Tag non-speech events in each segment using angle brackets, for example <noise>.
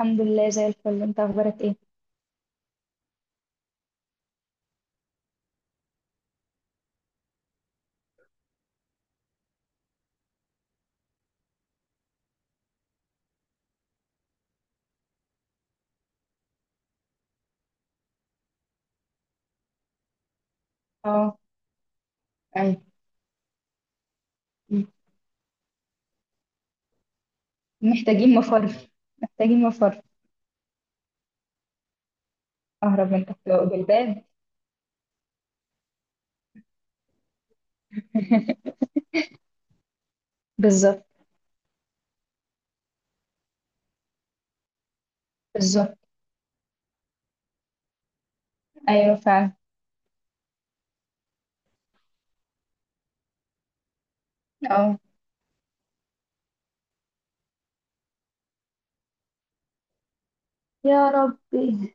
الحمد لله، زي الفل. انت اخبارك ايه؟ اه. اي. مم. محتاجين مفر. محتاجين مفر. اهرب من تحت بالباب. <laughs> بالظبط. بالظبط. ايوه، فعلا. اه، يا ربي،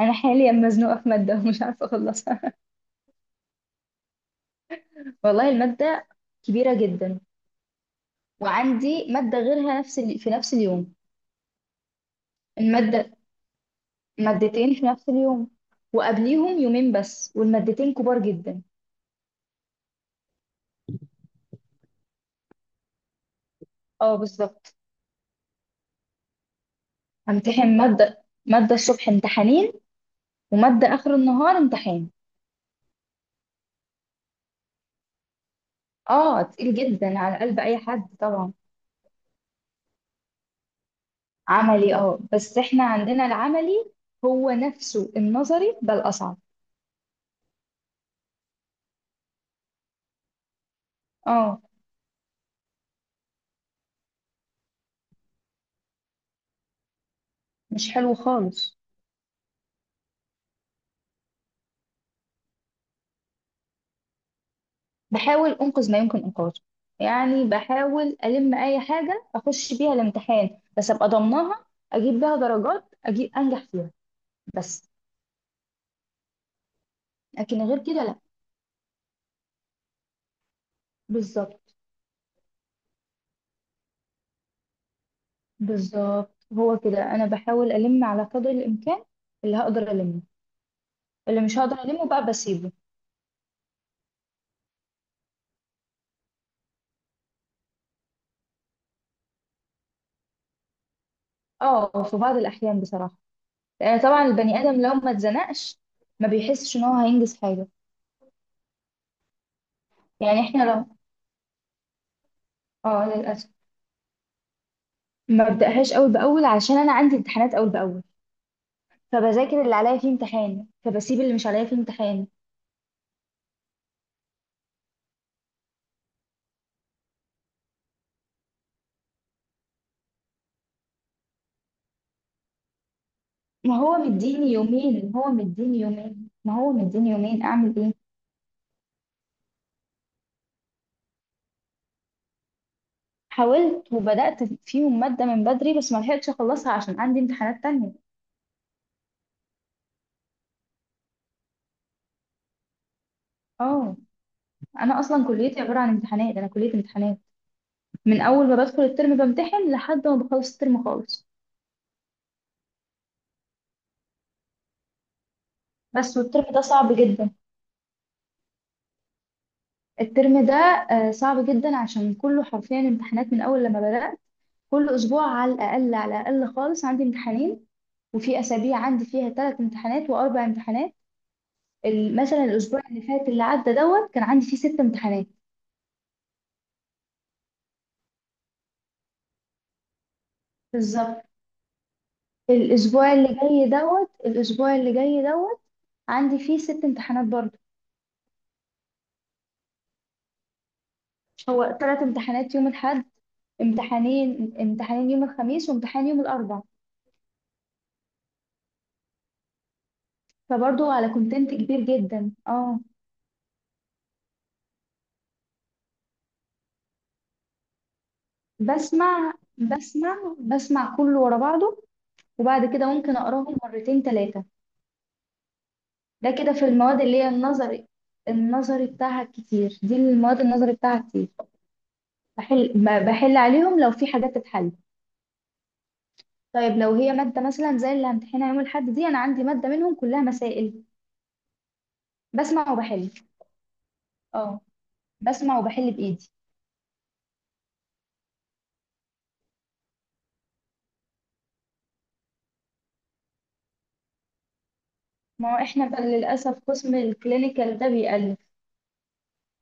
انا حاليا مزنوقه في ماده ومش عارفه اخلصها. <laughs> والله الماده كبيره جدا، وعندي ماده غيرها نفس في نفس اليوم. الماده مادتين في نفس اليوم، وقبليهم يومين بس، والمادتين كبار جدا. اه بالظبط. همتحن ماده الصبح امتحانين، ومادة آخر النهار امتحان. اه، تقيل جدا على قلب أي حد طبعا. عملي، اه، بس احنا عندنا العملي هو نفسه النظري، بل أصعب. اه، مش حلو خالص. بحاول أنقذ ما يمكن إنقاذه، يعني بحاول ألم أي حاجة أخش بيها الامتحان بس أبقى ضمنها، أجيب بيها درجات، أجيب أنجح فيها بس. لكن غير كده لأ. بالظبط. بالظبط، هو كده. أنا بحاول ألم على قدر الإمكان، اللي هقدر ألمه. اللي مش هقدر ألمه بقى بسيبه. اه، في بعض الأحيان بصراحة. لأن طبعا البني آدم لو ما اتزنقش ما بيحسش إن هو هينجز حاجة. يعني احنا لو اه للأسف ما ببدأهاش أول بأول، عشان أنا عندي امتحانات أول بأول، فبذاكر اللي عليا فيه امتحان، فبسيب اللي مش عليا فيه امتحان. ما هو مديني يومين، ما هو مديني يومين، ما هو مديني يومين، أعمل إيه؟ حاولت وبدأت فيهم مادة من بدري، بس ما لحقتش أخلصها عشان عندي امتحانات تانية. اه. أنا أصلا كليتي عبارة عن امتحانات، أنا كلية امتحانات. من اول ما بدخل الترم بمتحن لحد ما بخلص الترم خالص. بس والترم ده صعب جدا. الترم ده صعب جدا عشان كله حرفيا امتحانات من اول لما بدأت. كل اسبوع على الاقل، على الاقل خالص، عندي امتحانين، وفي اسابيع عندي فيها ثلاث امتحانات واربع امتحانات. مثلا الاسبوع اللي فات اللي عدى دوت كان عندي فيه ست امتحانات. بالظبط. الاسبوع اللي جاي دوت عندي فيه ست امتحانات برضه. هو ثلاث امتحانات يوم الأحد، امتحانين يوم الخميس، وامتحان يوم الأربع. فبرضه على كونتنت كبير جدا، اه. بسمع، بسمع، بسمع، كله ورا بعضه. وبعد كده ممكن أقراهم مرتين، ثلاثة. ده كده في المواد اللي هي النظري. النظري بتاعها كتير، دي المواد النظري بتاعها كتير. بحل بحل عليهم لو في حاجات تتحل. طيب لو هي مادة مثلا زي اللي همتحنها يوم الأحد دي، أنا عندي مادة منهم كلها مسائل، بسمع وبحل. اه، بسمع وبحل بإيدي. ما هو احنا بقى للأسف قسم الكلينيكال ده بيألف.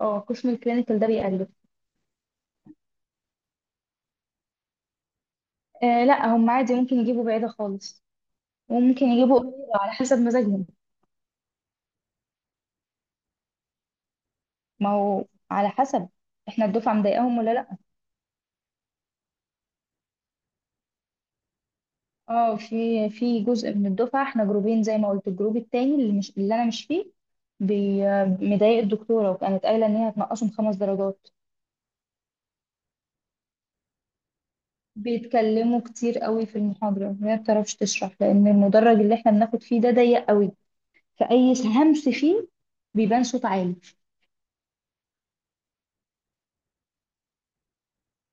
اه، قسم الكلينيكال ده بيألف. آه لا، هم عادي ممكن يجيبوا بعيدة خالص، وممكن يجيبوا قريبة، على حسب مزاجهم. ما هو على حسب احنا الدفعة مضايقاهم ولا لا. اه، في جزء من الدفعة، احنا جروبين زي ما قلت. الجروب التاني اللي انا مش فيه، بي- مضايق الدكتورة، وكانت قايلة ان هي هتنقصهم خمس درجات. بيتكلموا كتير قوي في المحاضرة، وهي ما بتعرفش تشرح لان المدرج اللي احنا بناخد فيه ده ضيق قوي، فأي همس فيه بيبان صوت عالي.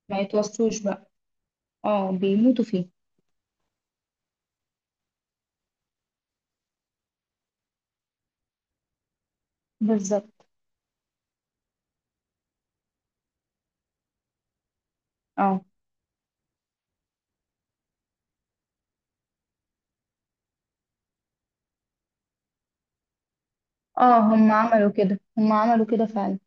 ما يتوصوش بقى. اه، بيموتوا فيه. بالظبط. اه. اه، هم عملوا كده فعلا.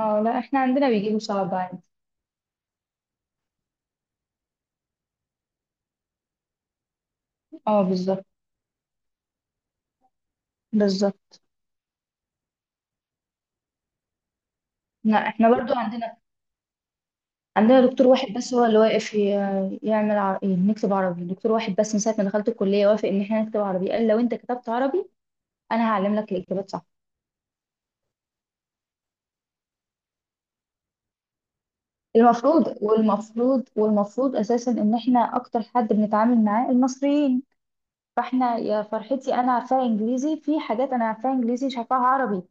اه لا، احنا عندنا بيجيبوا صعب عادي. اه بالظبط. بالظبط. لا، احنا برضو عندنا عندنا دكتور واحد بس هو اللي واقف يعمل ع- إيه، نكتب عربي. دكتور واحد بس، من ساعة ما دخلت الكلية، وافق ان احنا نكتب عربي. قال لو انت كتبت عربي، انا هعلم لك الاجابات صح. المفروض، والمفروض، والمفروض اساسا، ان احنا اكتر حد بنتعامل معاه المصريين. فاحنا يا فرحتي، انا عارفاها انجليزي. في حاجات انا عارفاها انجليزي مش عارفاها عربي.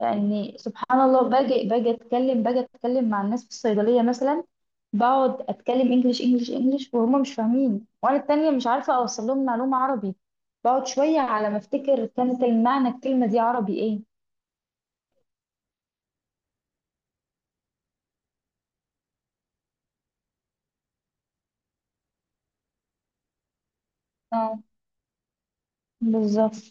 يعني سبحان الله، باجي اتكلم مع الناس في الصيدليه مثلا، بقعد اتكلم انجليش، انجليش، انجليش، وهم مش فاهمين، وانا التانية مش عارفه اوصل لهم معلومه عربي. بقعد شويه على ما افتكر كانت المعنى الكلمه دي عربي ايه. اه بالظبط.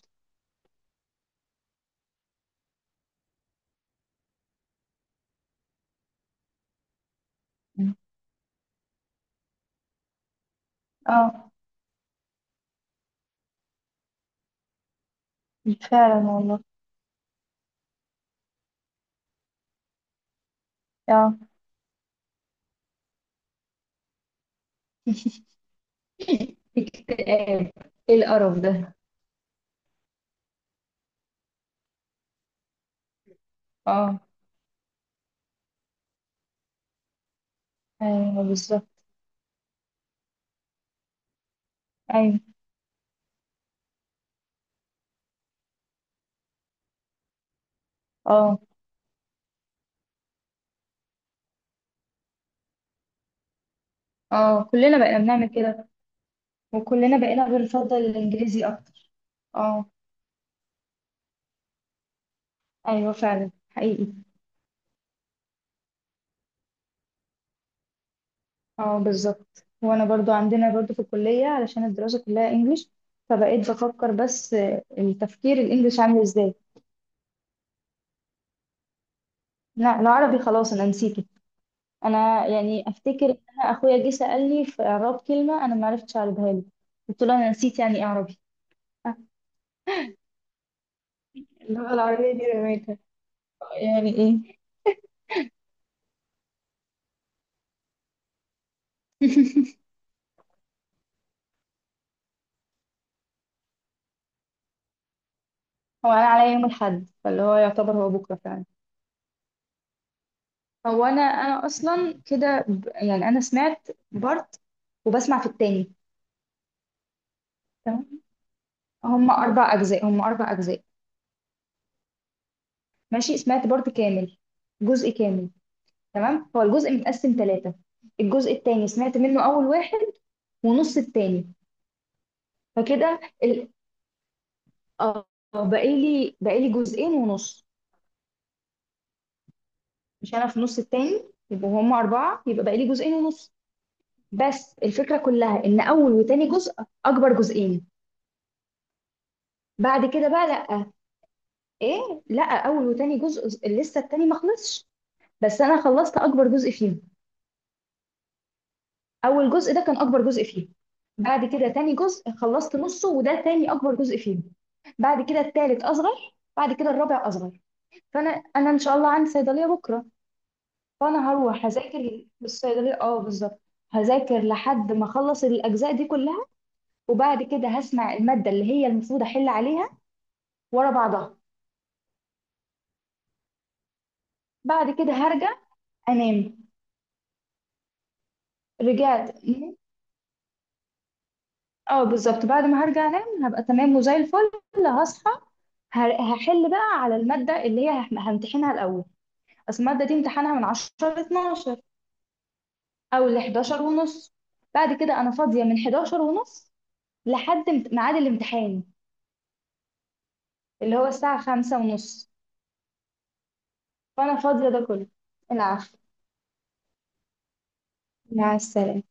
اه، فعلا والله. اه. <laughs> اكتئاب. ايه القرف ده؟ اه، ايوه بالظبط. ايوه. اه. اه، كلنا بقينا بنعمل كده. وكلنا بقينا بنفضل الانجليزي اكتر. اه. ايوه، فعلا، حقيقي. اه، بالظبط. وانا برضو عندنا برضو في الكلية، علشان الدراسة كلها انجليش، فبقيت بفكر بس التفكير الانجليش عامل ازاي. لا، العربي خلاص انا نسيته. انا يعني افتكر ان انا اخويا جه سألني في اعراب كلمة، انا ما عرفتش اعربها له. قلت له انا نسيت يعني ايه عربي. آه. اللي هو العربية دي رميتها، يعني ايه. هو انا عليا يوم الاحد، فاللي هو يعتبر هو بكرة فعلا. هو انا اصلا كده يعني انا سمعت بارت، وبسمع في التاني. تمام. هم اربع اجزاء. ماشي، سمعت بارت كامل، جزء كامل. تمام، هو الجزء متقسم ثلاثة. الجزء التاني سمعت منه اول واحد، ونص التاني. فكده ال... اه، بقالي جزئين ونص. مش انا في نص التاني، يبقوا هم اربعة، يبقى بقالي جزئين ونص. بس الفكرة كلها ان اول وتاني جزء اكبر جزئين. بعد كده بقى لا، ايه، لا، اول وتاني جزء لسه التاني ما خلصش، بس انا خلصت اكبر جزء فيهم. اول جزء ده كان اكبر جزء فيهم. بعد كده تاني جزء خلصت نصه، وده تاني اكبر جزء فيهم. بعد كده التالت اصغر، بعد كده الرابع اصغر. فانا ان شاء الله عندي صيدليه بكره، فانا هروح هذاكر في الصيدليه. اه، بالظبط. هذاكر لحد ما اخلص الاجزاء دي كلها، وبعد كده هسمع الماده اللي هي المفروض احل عليها ورا بعضها. بعد كده هرجع انام. رجعت. اه، بالظبط. بعد ما هرجع انام هبقى تمام وزي الفل. هصحى، هحل بقى على المادة اللي هي همتحنها الأول. بس المادة دي امتحانها من 10 ل 12، أو ل 11 ونص. بعد كده أنا فاضية من 11 ونص لحد ميعاد الامتحان، اللي هو الساعة 5 ونص. فأنا فاضية ده كله. العفو. مع السلامة.